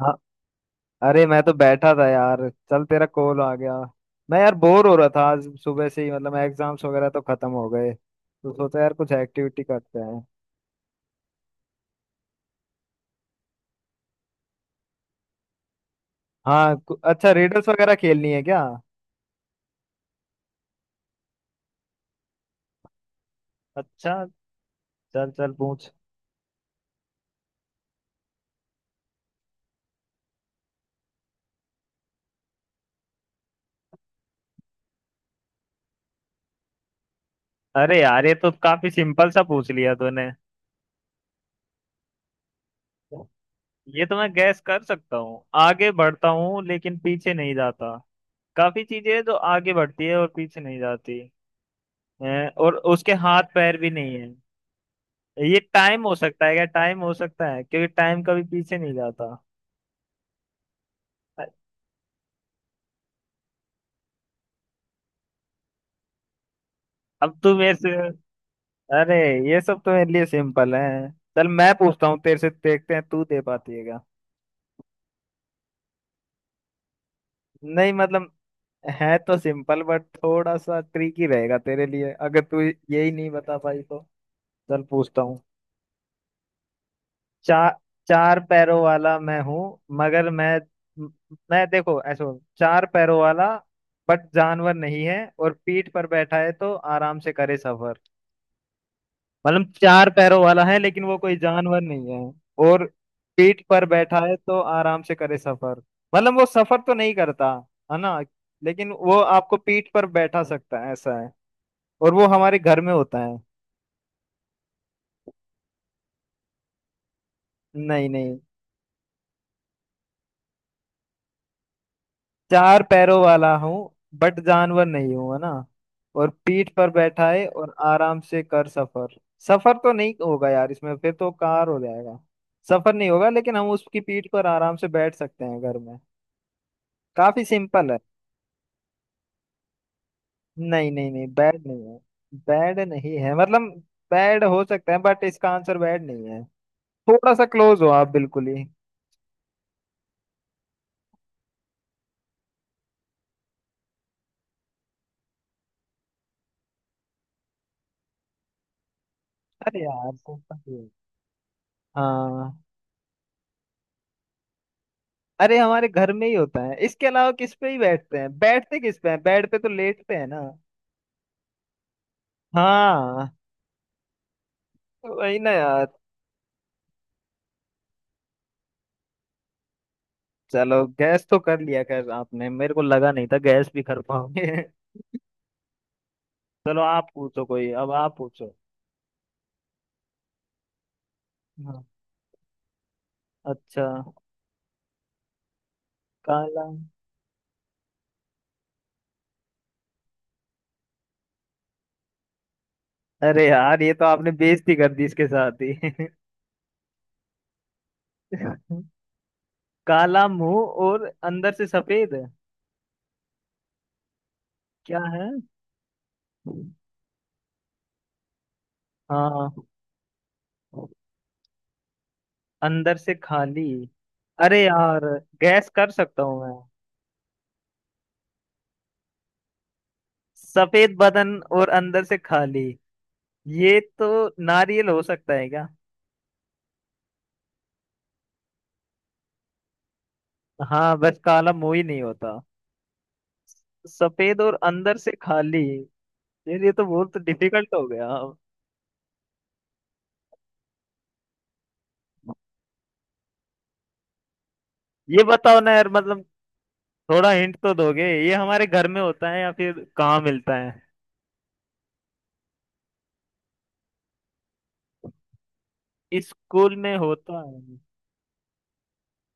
हाँ। अरे मैं तो बैठा था यार, चल तेरा कॉल आ गया। मैं यार बोर हो रहा था आज सुबह से ही, मतलब एग्जाम्स वगैरह तो खत्म हो गए तो सोचा यार कुछ एक्टिविटी करते हैं। हाँ। अच्छा, रिडल्स वगैरह खेलनी है क्या? अच्छा, चल चल पूछ। अरे यार ये तो काफी सिंपल सा पूछ लिया तूने। ये तो मैं गैस कर सकता हूँ, आगे बढ़ता हूँ लेकिन पीछे नहीं जाता। काफी चीजें हैं जो आगे बढ़ती है और पीछे नहीं जाती हैं, और उसके हाथ पैर भी नहीं है। ये टाइम हो सकता है क्या? टाइम हो सकता है क्योंकि टाइम कभी पीछे नहीं जाता। अब तू मेरे से, अरे, ये सब तो मेरे लिए सिंपल है। चल मैं पूछता हूँ तेरे से, देखते हैं तू दे पाती है क्या। नहीं मतलब, है तो सिंपल बट थोड़ा सा ट्रिकी रहेगा तेरे लिए, अगर तू यही नहीं बता पाई तो। चल पूछता हूँ। चार, चार पैरों वाला मैं हूँ, मगर मैं देखो ऐसे बोल, चार पैरों वाला बट जानवर नहीं है, और पीठ पर बैठा है तो आराम से करे सफर। मतलब चार पैरों वाला है लेकिन वो कोई जानवर नहीं है। और पीठ पर बैठा है तो आराम से करे सफर। मतलब वो सफर तो नहीं करता, है ना, लेकिन वो आपको पीठ पर बैठा सकता है, ऐसा है। और वो हमारे घर में होता है। नहीं नहीं। चार पैरों वाला हूँ बट जानवर नहीं हूँ है ना, और पीठ पर बैठा है और आराम से कर सफर। सफर तो नहीं होगा यार इसमें, फिर तो कार हो जाएगा। सफर नहीं होगा लेकिन हम उसकी पीठ पर आराम से बैठ सकते हैं घर में। काफी सिंपल है। नहीं नहीं नहीं, बैड नहीं है। बैड नहीं है मतलब, बैड हो सकता है बट इसका आंसर बैड नहीं है। थोड़ा सा क्लोज हो आप, बिल्कुल ही। अरे यार तुम फंसी हो। हाँ। अरे हमारे घर में ही होता है, इसके अलावा किस पे ही बैठते हैं, बैठते किस पे हैं? बेड पे तो लेटते हैं ना। हाँ, वही ना यार। चलो गैस तो कर लिया खैर आपने, मेरे को लगा नहीं था गैस भी कर पाओगे। चलो आप पूछो, कोई अब आप पूछो। हाँ। अच्छा। काला। अरे यार ये तो आपने बेइज्जती कर दी इसके साथ ही। काला मुंह और अंदर से सफेद, क्या है? हाँ। अंदर से खाली। अरे यार गैस कर सकता हूँ मैं। सफेद बदन और अंदर से खाली। ये तो नारियल हो सकता है क्या? हाँ बस काला मुंह ही नहीं होता। सफेद और अंदर से खाली। यार ये तो बहुत डिफिकल्ट हो गया। ये बताओ ना यार मतलब, थोड़ा हिंट तो दोगे। ये हमारे घर में होता है या फिर कहाँ मिलता है? स्कूल में होता है?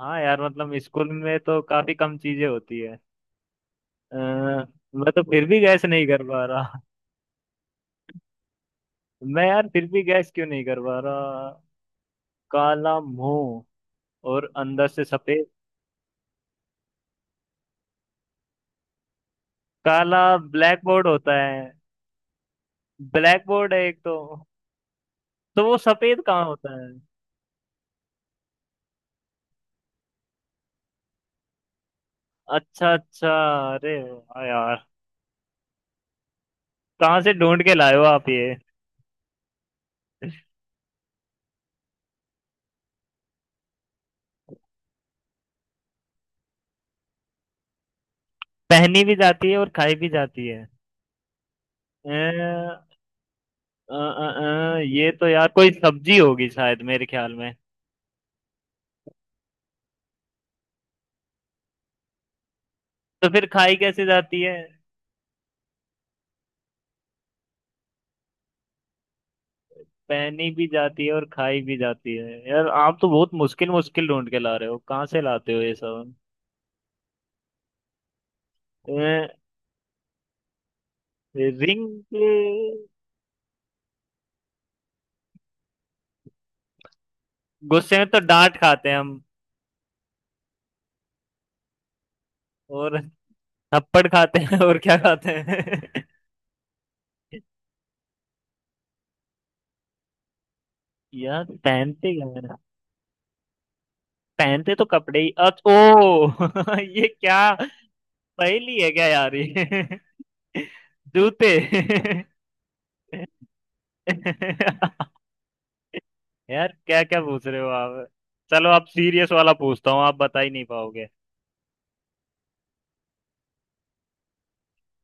हाँ यार मतलब स्कूल में तो काफी कम चीजें होती है। मैं तो फिर भी गैस नहीं कर पा रहा। मैं यार फिर भी गैस क्यों नहीं कर पा रहा। काला मुंह और अंदर से सफेद। काला। ब्लैक बोर्ड होता है। ब्लैक बोर्ड है एक तो। तो वो सफेद कहाँ होता है? अच्छा अच्छा। अरे वाह यार। कहाँ से ढूंढ के लाए हो आप ये? पहनी भी जाती है और खाई भी जाती है। अ, अ, ये तो यार कोई सब्जी होगी शायद मेरे ख्याल में। तो फिर खाई कैसे जाती है? पहनी भी जाती है और खाई भी जाती है। यार आप तो बहुत मुश्किल मुश्किल ढूंढ के ला रहे हो, कहाँ से लाते हो ये सब? रिंग। गुस्से में तो डांट खाते हैं हम। और थप्पड़ खाते हैं और क्या खाते हैं? यार पहनते क्या है? पहनते तो कपड़े ही अच ओ। ये क्या, पहेली है क्या यार ये? जूते। यार क्या क्या पूछ रहे हो आप। चलो आप सीरियस वाला पूछता हूँ, आप बता ही नहीं पाओगे।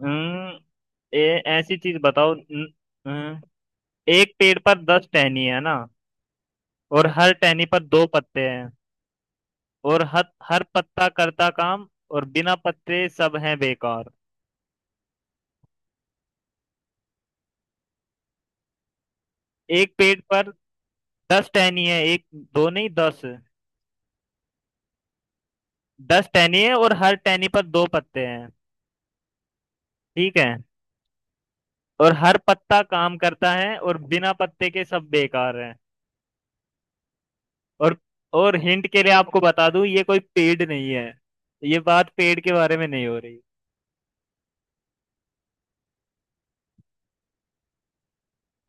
हम्म। ऐसी चीज बताओ न- एक पेड़ पर दस टहनी है ना, और हर टहनी पर दो पत्ते हैं। और हर हर पत्ता करता काम, और बिना पत्ते सब हैं बेकार। एक पेड़ पर दस टहनी है, एक, दो नहीं दस। दस टहनी है और हर टहनी पर दो पत्ते हैं, ठीक है। और हर पत्ता काम करता है, और बिना पत्ते के सब बेकार। और और हिंट के लिए आपको बता दूं, ये कोई पेड़ नहीं है। ये बात पेड़ के बारे में नहीं हो रही।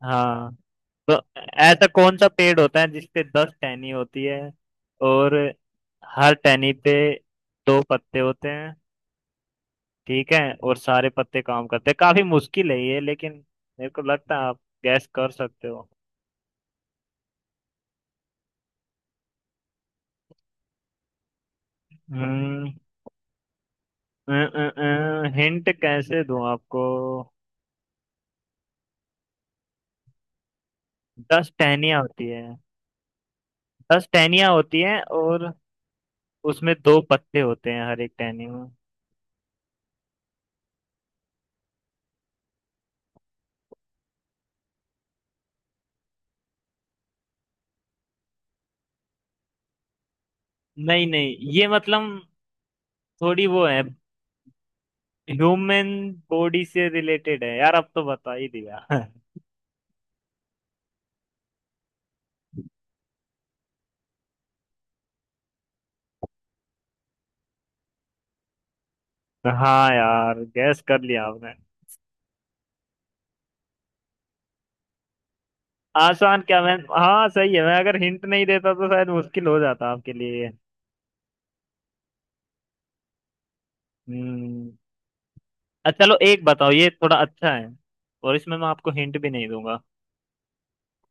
हाँ, तो ऐसा कौन सा पेड़ होता है जिसपे दस टहनी होती है, और हर टहनी पे दो पत्ते होते हैं, ठीक है, और सारे पत्ते काम करते हैं। काफी मुश्किल है ये लेकिन मेरे को लगता है आप गैस कर सकते हो। हम्म। हिंट कैसे दूं आपको। दस टहनियां होती है। दस टहनियां होती हैं और उसमें दो पत्ते होते हैं हर एक टहनी में। नहीं नहीं, ये मतलब थोड़ी वो है, ह्यूमन बॉडी से रिलेटेड है यार, अब तो बता ही दिया। हाँ यार गैस कर लिया आपने। आसान क्या, मैं, हाँ सही है, मैं अगर हिंट नहीं देता तो शायद मुश्किल हो जाता आपके लिए। हम्म। अच्छा, चलो एक बताओ, ये थोड़ा अच्छा है, और इसमें मैं आपको हिंट भी नहीं दूंगा।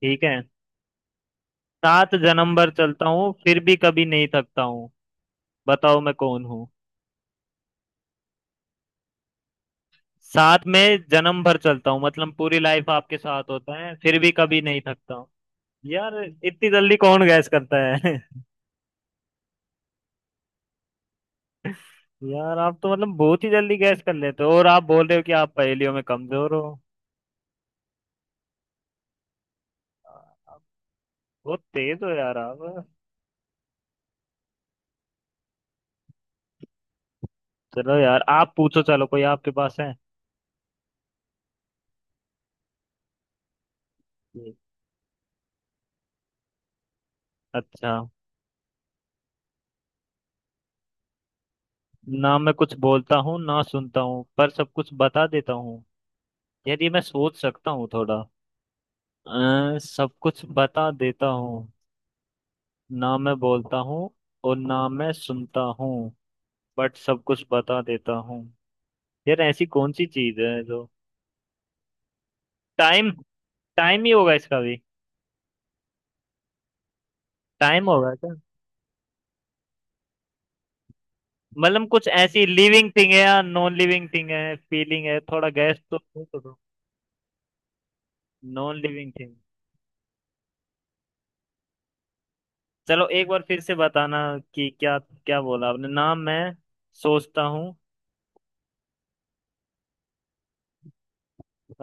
ठीक है। सात जन्म भर चलता हूँ फिर भी कभी नहीं थकता हूँ। बताओ मैं कौन हूँ। साथ में जन्म भर चलता हूँ मतलब पूरी लाइफ आपके साथ होता है, फिर भी कभी नहीं थकता हूँ। यार इतनी जल्दी कौन गैस करता है। यार आप तो मतलब बहुत ही जल्दी गैस कर लेते हो, और आप बोल रहे हो कि आप पहेलियों में कमजोर हो। आप बहुत तेज हो यार आप। चलो यार आप पूछो, चलो कोई आपके पास है। जी। अच्छा। ना मैं कुछ बोलता हूँ ना सुनता हूँ पर सब कुछ बता देता हूँ। यदि मैं सोच सकता हूँ थोड़ा। सब कुछ बता देता हूँ। ना मैं बोलता हूँ और ना मैं सुनता हूँ, बट सब कुछ बता देता हूँ। यार ऐसी कौन सी चीज है जो, टाइम। टाइम ही होगा इसका भी। टाइम होगा क्या? मतलब कुछ ऐसी लिविंग थिंग है या नॉन लिविंग थिंग है, फीलिंग है? थोड़ा गैस तो करो। Non living thing. चलो एक बार फिर से बताना कि क्या क्या बोला आपने। ना मैं सोचता हूँ।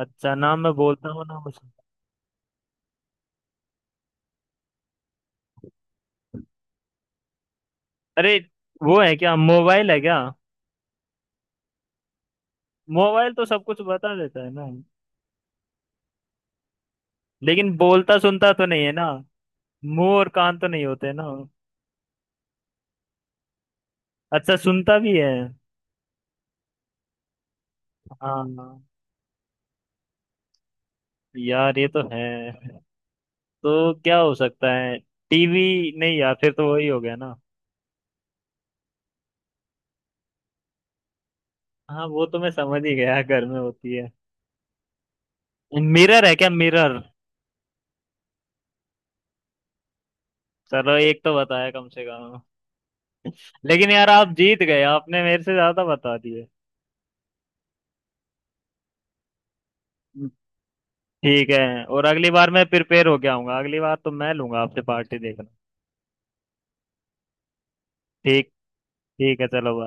अच्छा ना मैं बोलता हूँ ना मैं सुनता हूँ। अरे, वो है क्या, मोबाइल है क्या? मोबाइल तो सब कुछ बता देता है ना। लेकिन बोलता सुनता तो नहीं है ना। मुंह और कान तो नहीं होते ना। अच्छा सुनता भी है। हाँ यार ये तो है, तो क्या हो सकता है? टीवी। नहीं यार फिर तो वही हो गया ना। हाँ, वो तो मैं समझ ही गया घर में होती है। मिरर है क्या, मिरर? चलो एक तो बताया कम से कम। लेकिन यार आप जीत गए, आपने मेरे से ज्यादा बता दिए। ठीक है, और अगली बार मैं प्रिपेयर होके आऊंगा। अगली बार तो मैं लूंगा आपसे पार्टी देखना। ठीक। ठीक है, चलो बाय।